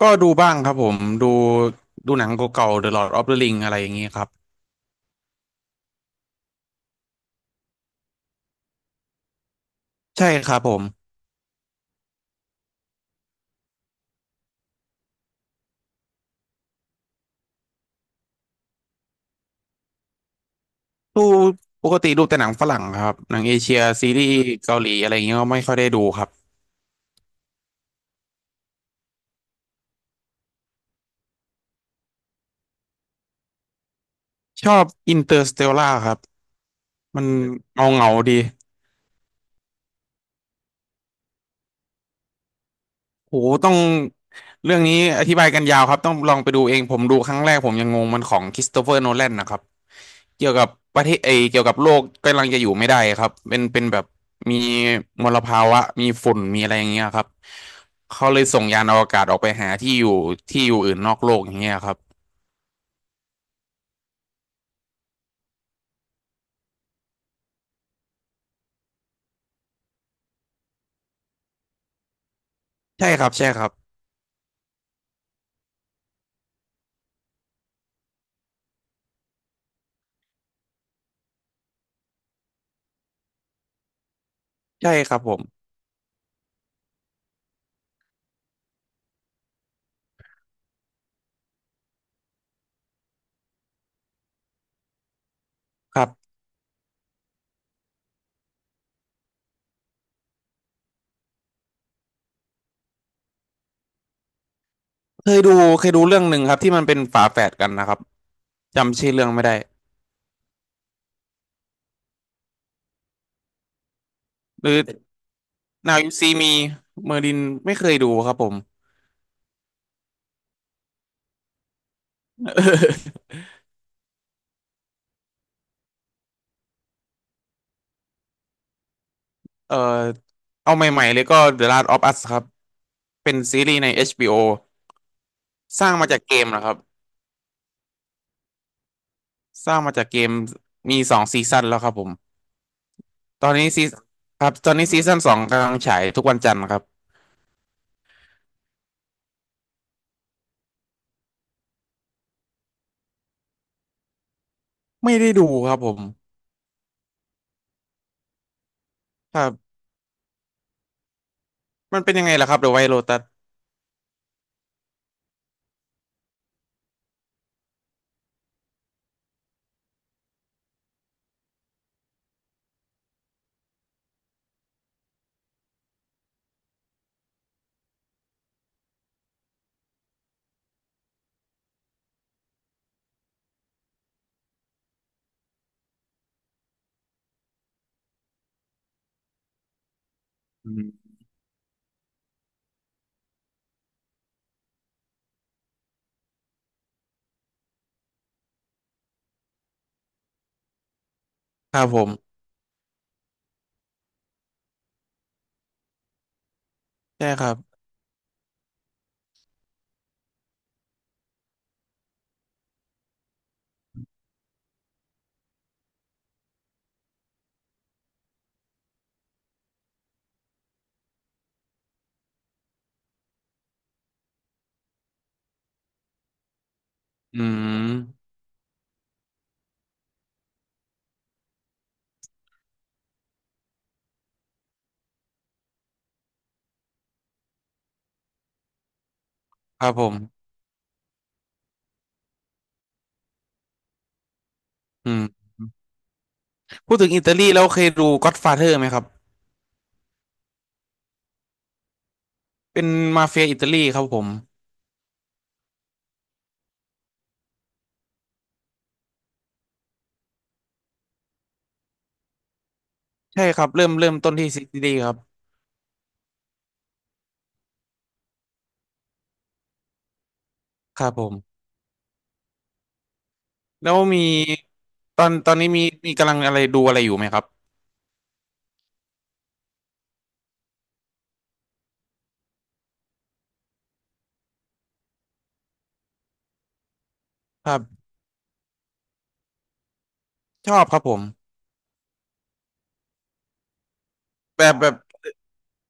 ก็ดูบ้างครับผมดูดูหนังเก่าๆ The Lord of the Ring อะไรอย่างนี้ครับใช่ครับผมดูปกติดูแต่หนังฝรั่งครับหนังเอเชียซีรีส์เกาหลีอะไรอย่างเงี้ยก็ไม่ค่อยได้ดูครับชอบ Interstellar ครับมันเงาดี โหต้องเรื่องนี้อธิบายกันยาวครับ ต้องลองไปดูเอง ผมดูครั้งแรกผมยังงงมันของคริสโตเฟอร์โนแลนนะครับ เกี่ยวกับประเทศเอยเกี่ยวกับโลกกำลังจะอยู่ไม่ได้ครับ เป็นแบบมีมลภาวะ มีฝุ่นมีอะไรอย่างเงี้ยครับ เขาเลยส่งยานอวกาศออกไปหาที่อยู่อื่นนอกโลกอย่างเงี้ยครับใช่ครับใช่ครับใช่ครับผมครับเคยดูเรื่องหนึ่งครับที่มันเป็นฝาแฝดกันนะครับจำชื่อเรื่องไม่ได้หรือ Now You See Me เมอร์ลินไม่เคยดูครับผม เออเอาใหม่ๆเลยก็ The Last of Us ครับเป็นซีรีส์ใน HBO สร้างมาจากเกมนะครับสร้างมาจากเกมมีสองซีซั่นแล้วครับผมตอนนี้ซีครับตอนนี้ซีซั่นสองกำลังฉายทุกวันจันทร์ครับไม่ได้ดูครับผมครับมันเป็นยังไงล่ะครับ The White Lotus อืมครับผมใช่ครับอืมครับผมอืมพูดถึงอิตาลีแล้วเคยดู Godfather ไหมครับเป็นมาเฟียอิตาลีครับผมใช่ครับเริ่มต้นที่ซีรีส์ครับครับผม แล้วมีตอนนี้มีมีกำลังอะไรดูอะไรอยู่ไหมครับครับชอบครับผมแบบ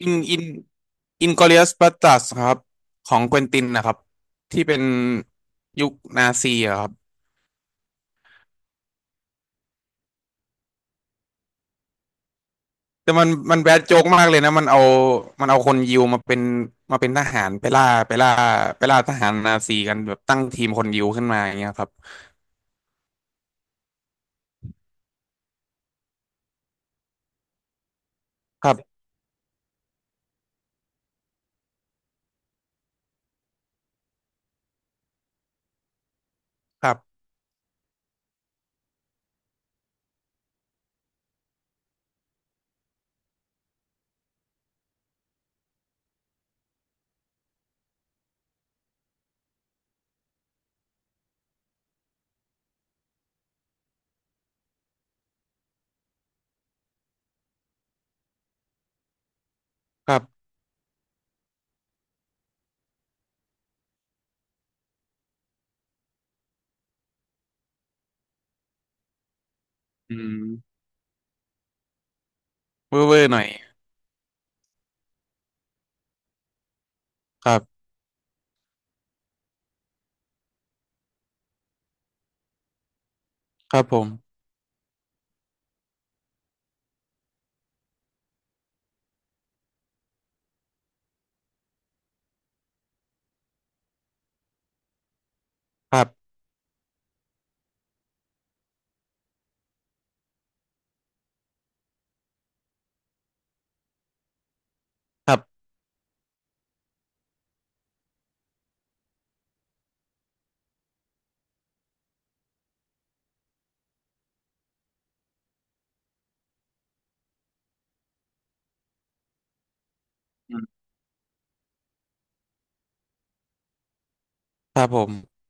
อินอินอินกลอริอัสบัสตัสครับของเควินตินนะครับที่เป็นยุคนาซีอะครับแต่มันแบดโจ๊กมากเลยนะมันเอาคนยิวมาเป็นมาเป็นทหารไปล่าทหารนาซีกันแบบตั้งทีมคนยิวขึ้นมาอย่างเงี้ยครับครับครับครับอืมเว่อร์ๆหน่อยครับครับผมครับครับอืมครับผม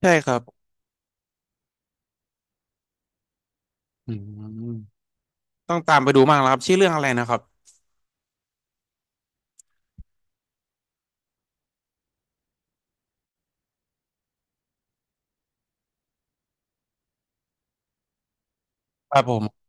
ใช่ครับ อืมต้องตามไปดูมากแล้วครับชื่อเรื่องอะไรนะครับครับผม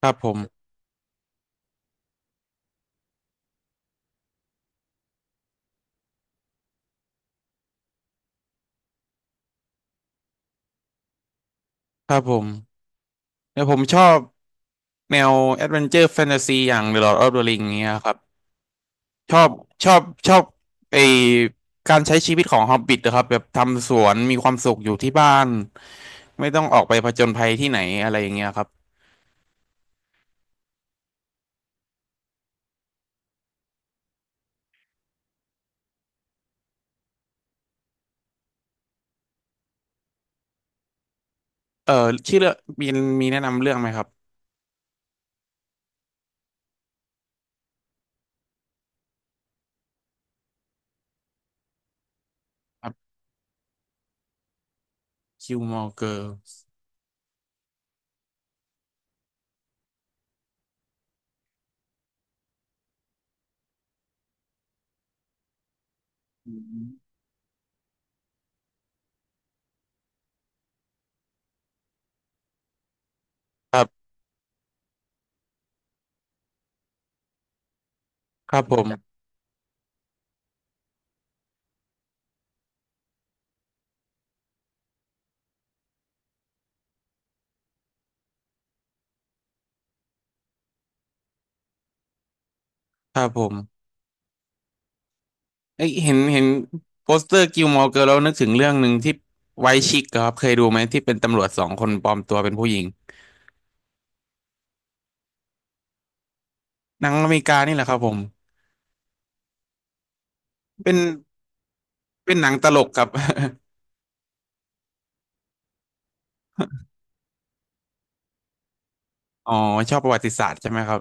ครับผมครับผมแล้วผมชอบแนวแอดเวนเจอร์แฟนตาซีอย่าง The Lord of the Ring เงี้ยครับชอบชอบชอบไอการใช้ชีวิตของฮอบบิ t นะครับแบบทำสวนมีความสุขอยู่ที่บ้านไม่ต้องออกไปผจญภัยที่ไหนอะไรอย่างเงี้ยครับเออชื่อเรื่องมีมีแนะนำเรื่องไหมครับครับคิวมอเกอร์ครับผมครับผม เอ้ยเห็นโปสเตอร์กิลมอร์เกิร์ลแล้วนึกถึงเรื่องหนึ่งที่ไวท์ชิคครับเคยดูไหมที่เป็นตำรวจสองคนปลอมตัวเป็นผู้หญิงหนังอเมริกานี่แหละครับผมเป็นเป็นหนังตลกครับ อ๋อชอบประวัติศาสตร์ใช่ไหมครับ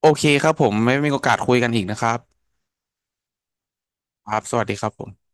โอเคครับผมไม่มีโอกาสคุยกันอีกนะครับครับสวัสดีครับผม